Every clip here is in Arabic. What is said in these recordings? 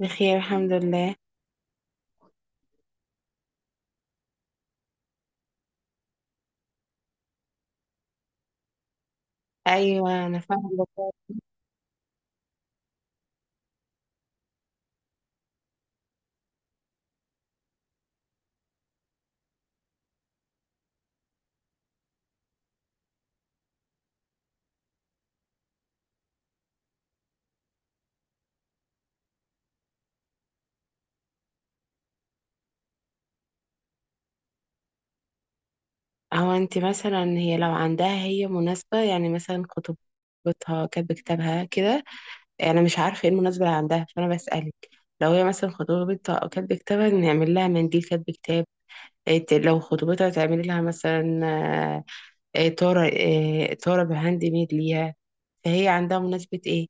بخير الحمد لله. ايوه انا فاهمه. هو انت مثلا هي لو عندها مناسبه يعني مثلا خطوبتها كاتبه كتابها كده. انا مش عارفه ايه المناسبه اللي عندها فانا بسالك. لو هي مثلا خطوبتها او كاتبه كتابها نعمل لها منديل كاتب كتاب. لو خطوبتها تعمل لها مثلا، آه، إيه، طاره، طاره بهاند ميد ليها. فهي عندها مناسبه ايه؟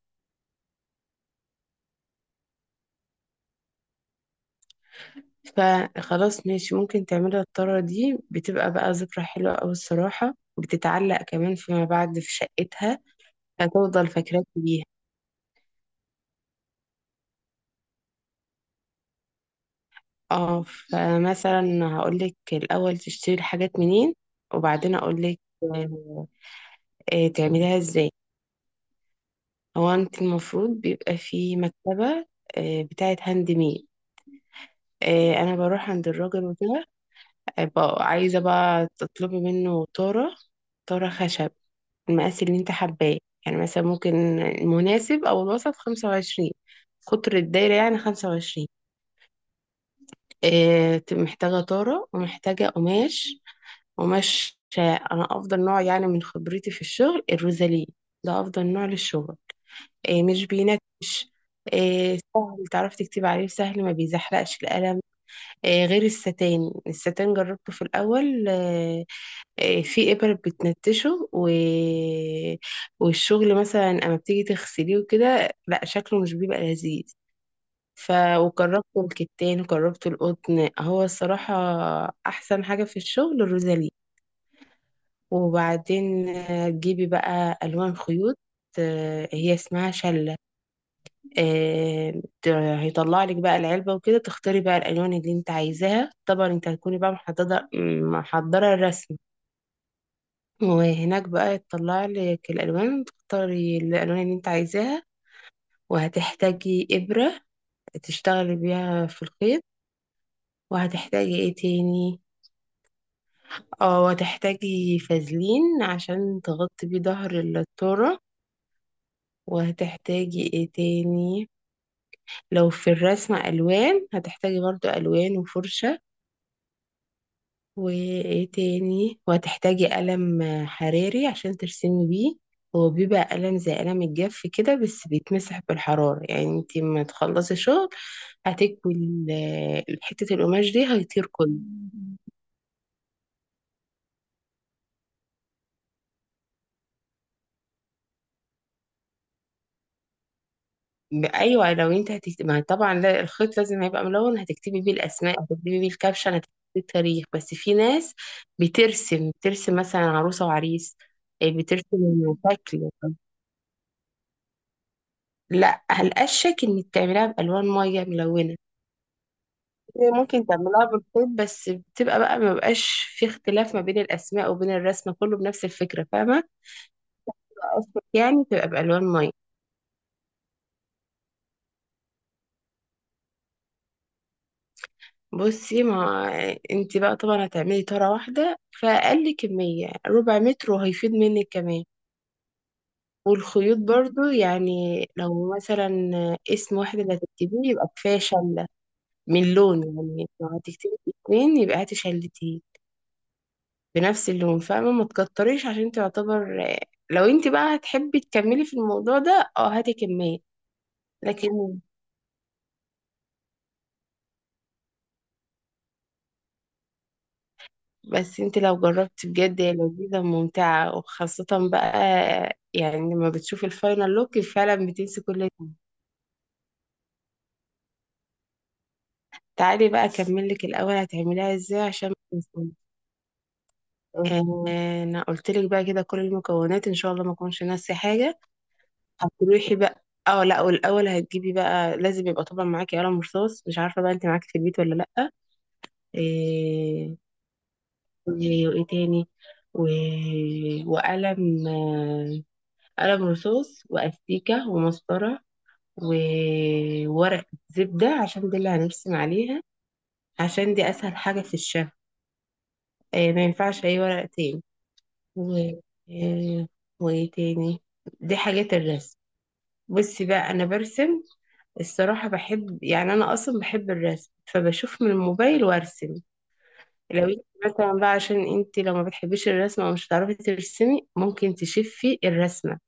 فخلاص ماشي، ممكن تعملها الطرة دي، بتبقى بقى ذكرى حلوة أوي الصراحة، بتتعلق كمان فيما بعد في شقتها فتفضل فاكراك بيها. اه، فمثلا هقولك الأول تشتري الحاجات منين وبعدين أقولك تعمليها ازاي. هو انت المفروض بيبقى في مكتبة بتاعة هاند ميد. انا بروح عند الراجل وكده. عايزة بقى تطلبي منه طارة، طارة خشب، المقاس اللي انت حباه. يعني مثلا ممكن المناسب او الوسط 25، قطر الدايرة يعني 25. اه، تبقى محتاجة طارة ومحتاجة قماش. قماش، انا افضل نوع يعني من خبرتي في الشغل الروزالين، ده افضل نوع للشغل. اه، مش بينكش، اه سهل تعرف تكتب عليه، سهل ما بيزحلقش القلم. اه غير الستان، الستان جربته في الاول، في إبر بتنتشه، والشغل مثلا أما بتيجي تغسليه وكده لا شكله مش بيبقى لذيذ. ف وجربته الكتان وجربته القطن، هو الصراحة أحسن حاجة في الشغل الروزالي. وبعدين تجيبي بقى ألوان خيوط، هي اسمها شلة. هيطلع لك بقى العلبة وكده تختاري بقى الألوان اللي انت عايزاها. طبعا انت هتكوني بقى محددة محضرة الرسمة، وهناك بقى تطلع لك الالوان تختاري الالوان اللي انت عايزاها. وهتحتاجي ابره تشتغلي بيها في الخيط. وهتحتاجي ايه تاني؟ اه وهتحتاجي فازلين عشان تغطي بيه ظهر التورة. وهتحتاجي ايه تاني؟ لو في الرسمة الوان هتحتاجي برضو الوان وفرشة. وايه تاني؟ وهتحتاجي قلم حراري عشان ترسمي بيه. هو بيبقى قلم زي قلم الجاف كده، بس بيتمسح بالحرارة. يعني انتي ما تخلصي شغل هتكوي حتة القماش دي هيطير كله. ايوه لو انت هتكتب ما طبعا لا، الخيط لازم هيبقى ملون، هتكتبي بيه الاسماء، هتكتبي بيه الكابشن، هتكتبي بيه التاريخ. بس في ناس بترسم مثلا عروسه وعريس، بترسم شكل. لا هلقشك انك تعمليها بالوان ميه ملونه. ممكن تعملها بالخيط بس بتبقى بقى ما بقاش، في اختلاف ما بين الاسماء وبين الرسمه، كله بنفس الفكره، فاهمه؟ أصلك يعني تبقى بالوان ميه. بصي، ما انت بقى طبعا هتعملي طاره واحده، فاقل كميه ربع متر وهيفيض منك كمان. والخيوط برضو يعني لو مثلا اسم واحد اللي هتكتبيه يبقى كفايه شله من لون. يعني لو هتكتبي اتنين يبقى هاتي شلتين بنفس اللون، فاهمة؟ ما تكتريش عشان تعتبر. لو انت بقى هتحبي تكملي في الموضوع ده اه هاتي كمية. لكن بس انت لو جربتي بجد هي لذيذة وممتعة وخاصة بقى، يعني لما بتشوفي الفاينل لوك فعلا بتنسي كل ده. تعالي بقى اكملك الاول هتعمليها ازاي عشان ما تنسيش. آه، انا قلت لك بقى كده كل المكونات، ان شاء الله ما اكونش ناسي حاجة. هتروحي بقى اه، لا والاول هتجيبي بقى لازم يبقى طبعا معاكي قلم رصاص، مش عارفة بقى انت معاكي في البيت ولا لا. إيه وإيه تاني؟ و... وقلم قلم رصاص وأستيكة ومسطرة، وورق زبدة عشان دي اللي هنرسم عليها، عشان دي أسهل حاجة في الشهر. ما ينفعش أي ورق تاني. و... إيه وإيه تاني؟ دي حاجات الرسم. بصي بقى أنا برسم الصراحة، بحب، يعني أنا أصلا بحب الرسم، فبشوف من الموبايل وأرسم. لو انت مثلا بقى، عشان انت لو ما بتحبيش الرسمة ومش هتعرفي ترسمي، ممكن تشفي الرسمة،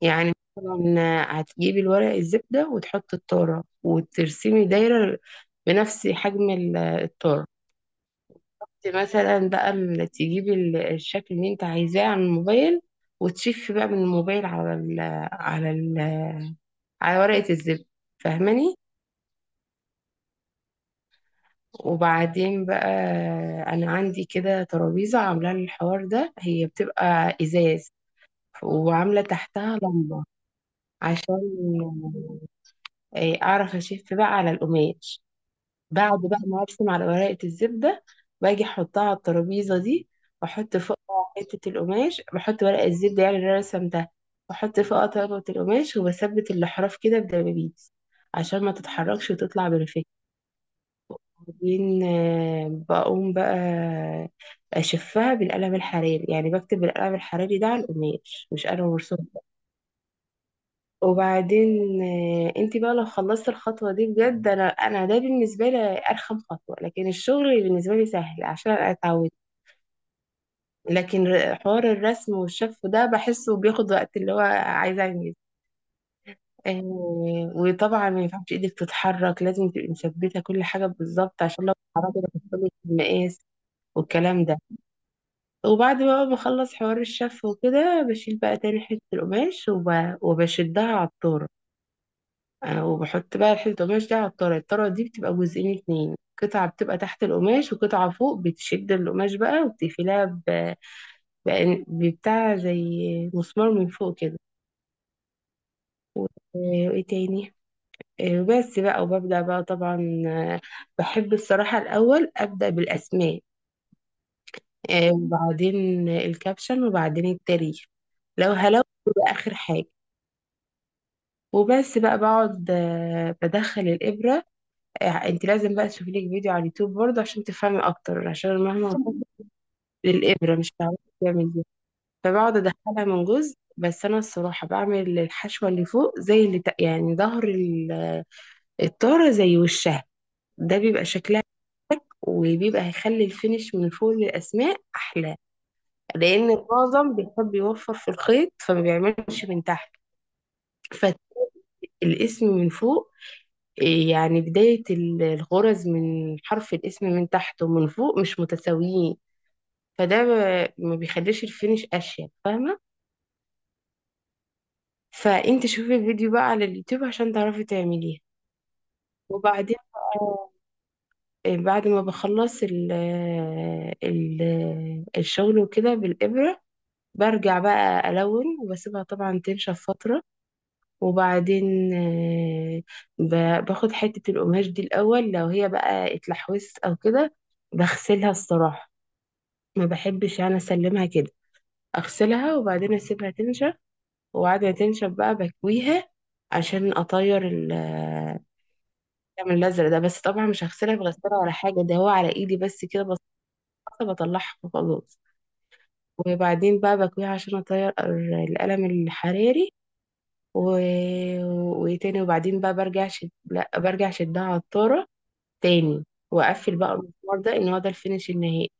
يعني مثلا هتجيبي الورق الزبدة وتحطي التارة وترسمي دايرة بنفس حجم التارة. انت مثلا بقى تجيبي الشكل اللي انت عايزاه على الموبايل وتشفي بقى من الموبايل على ال على ال على ورقة الزبدة، فاهماني؟ وبعدين بقى، انا عندي كده ترابيزة عاملة لي الحوار ده، هي بتبقى ازاز وعاملة تحتها لمبة عشان أعرف أشف بقى على القماش. بعد بقى ما أرسم على ورقة الزبدة باجي أحطها على الترابيزة دي وأحط فوقها حتة القماش، بحط ورق الزبدة يعني اللي أنا رسمتها وأحط فوقها طبقة القماش وبثبت الأحراف كده بدبابيس عشان ما تتحركش وتطلع بالفكرة. وبعدين بقوم بقى أشفها بالقلم الحراري، يعني بكتب بالقلم الحراري ده على القماش مش قلم مرسوم. وبعدين انت بقى لو خلصت الخطوة دي بجد، انا ده بالنسبة لي ارخم خطوة، لكن الشغل بالنسبة لي سهل عشان انا اتعودت. حوار الرسم والشف ده بحسه بياخد وقت، اللي هو عايزة انجز. آه، وطبعا ما ينفعش ايدك تتحرك، لازم تبقي مثبتة كل حاجة بالظبط، عشان لو اتحركت هتحصلك المقاس والكلام ده. وبعد بقى ما بخلص حوار الشف وكده بشيل بقى تاني حتة القماش وبشدها على الطور. وبحط بقى الحلة القماش دي على الطرة. الطرة دي بتبقى جزئين اتنين، قطعة بتبقى تحت القماش وقطعة فوق بتشد القماش بقى وبتقفلها ببتاع زي مسمار من فوق كده. آه، وايه تاني آه، وبس بقى، وببدأ بقى طبعا بحب الصراحة الأول أبدأ بالأسماء، وبعدين الكابشن وبعدين التاريخ. لو هلو يبقى آخر حاجة. وبس بقى بقعد بدخل الإبرة. انت لازم بقى تشوفي لك فيديو على اليوتيوب برضه عشان تفهمي اكتر، عشان مهما تقول الابره مش هتعرفي تعمل دي. فبقعد ادخلها من جزء، بس انا الصراحه بعمل الحشوه اللي فوق زي يعني ظهر الطاره زي وشها، ده بيبقى شكلها. شك، وبيبقى هيخلي الفينش من فوق للاسماء احلى لان معظم بيحب يوفر في الخيط فما بيعملش من تحت. فالاسم من فوق، يعني بداية الغرز من حرف الاسم من تحت ومن فوق مش متساويين، ما بيخليش الفينش اشيك، فاهمه؟ فانت شوفي الفيديو بقى على اليوتيوب عشان تعرفي تعمليها. وبعدين بقى بعد ما بخلص ال ال الشغل وكده بالإبرة، برجع بقى ألون وبسيبها طبعا تنشف فترة. وبعدين باخد حتة القماش دي الأول، لو هي بقى اتلحوست أو كده بغسلها الصراحة، ما بحبش أنا أسلمها كده، أغسلها وبعدين أسيبها تنشف. وقاعدة تنشف بقى بكويها عشان أطير الدم الأزرق ده، بس طبعا مش هغسلها في غسالة ولا حاجة، ده هو على إيدي بس كده بسيطة، بطلعها وخلاص. وبعدين بقى بكويها عشان أطير القلم الحراري. و... وتاني وبعدين بقى برجع شد... لا برجع شدها عطارة تاني، وأقفل بقى المسمار ده، إن هو ده الفينش النهائي.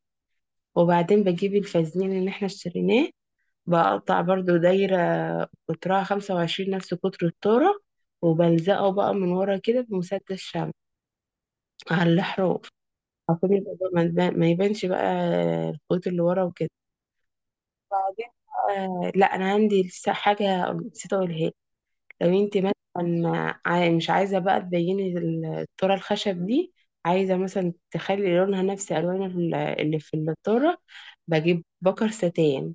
وبعدين بجيب الفازلين اللي احنا اشتريناه، بقطع برضو دايرة قطرها 25 نفس قطر الذرة، وبلزقه بقى من ورا كده بمسدس شمع على الحروف عشان يبقى بقى ما يبانش بقى الخيوط اللي ورا وكده. بعدين لا انا عندي لسه حاجة نسيت اقولها لك. لو انت مثلا مش عايزة بقى تبيني الذرة الخشب دي، عايزة مثلا تخلي لونها نفس الوان اللي في الذرة، بجيب بكر ستان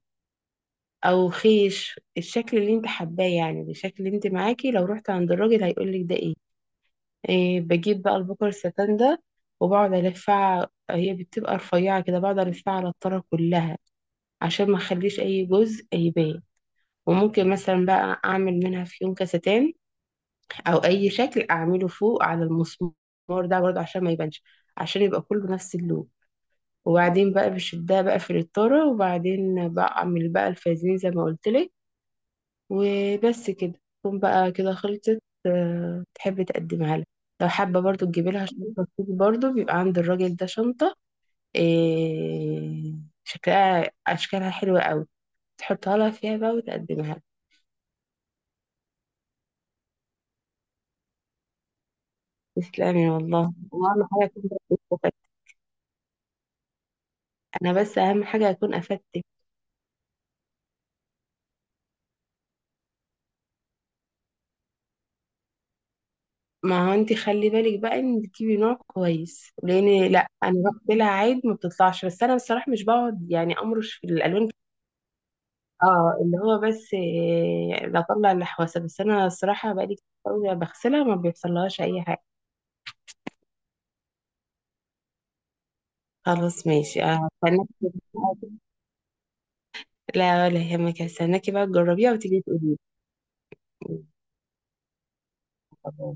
او خيش، الشكل اللي انت حباه، يعني الشكل اللي انت معاكي لو رحت عند الراجل هيقولك ده ايه, بجيب بقى البكر الستان ده وبقعد الفها، هي بتبقى رفيعة كده، بقعد الفها على الطرة كلها عشان ما اخليش اي جزء يبان. وممكن مثلا بقى اعمل منها فيون كستان او اي شكل اعمله فوق على المسمار، ده برضه عشان ما يبانش، عشان يبقى كله نفس اللون. وبعدين بقى بشدها بقى في الطارة، وبعدين بعمل بقى الفازين زي ما قلت لك، وبس كده تكون بقى كده خلصت. تحب تقدمها لها، لو حابة برضو تجيبي لها شنطة، كتير برضو بيبقى عند الراجل ده شنطة. إيه شكلها أشكالها حلوة قوي، تحطها لها فيها بقى وتقدمها لها. تسلمي والله، وأهم حاجة أكون بس استفدت. أنا بس أهم حاجة أكون أفدتك. ما هو أنت خلي بالك بقى إن تجيبي نوع كويس، لأن لأ أنا رحت لها عيد ما بتطلعش، بس أنا بصراحة مش بقعد يعني أمرش في الألوان. اه، اللي هو بس بطلع الحواسة، بس انا الصراحة بقالي كتير قوي بغسلها ما بيحصلهاش اي حاجة. خلاص ماشي، هستناكي. لا ولا يهمك، هستناكي بقى تجربيها وتيجي تقولي لي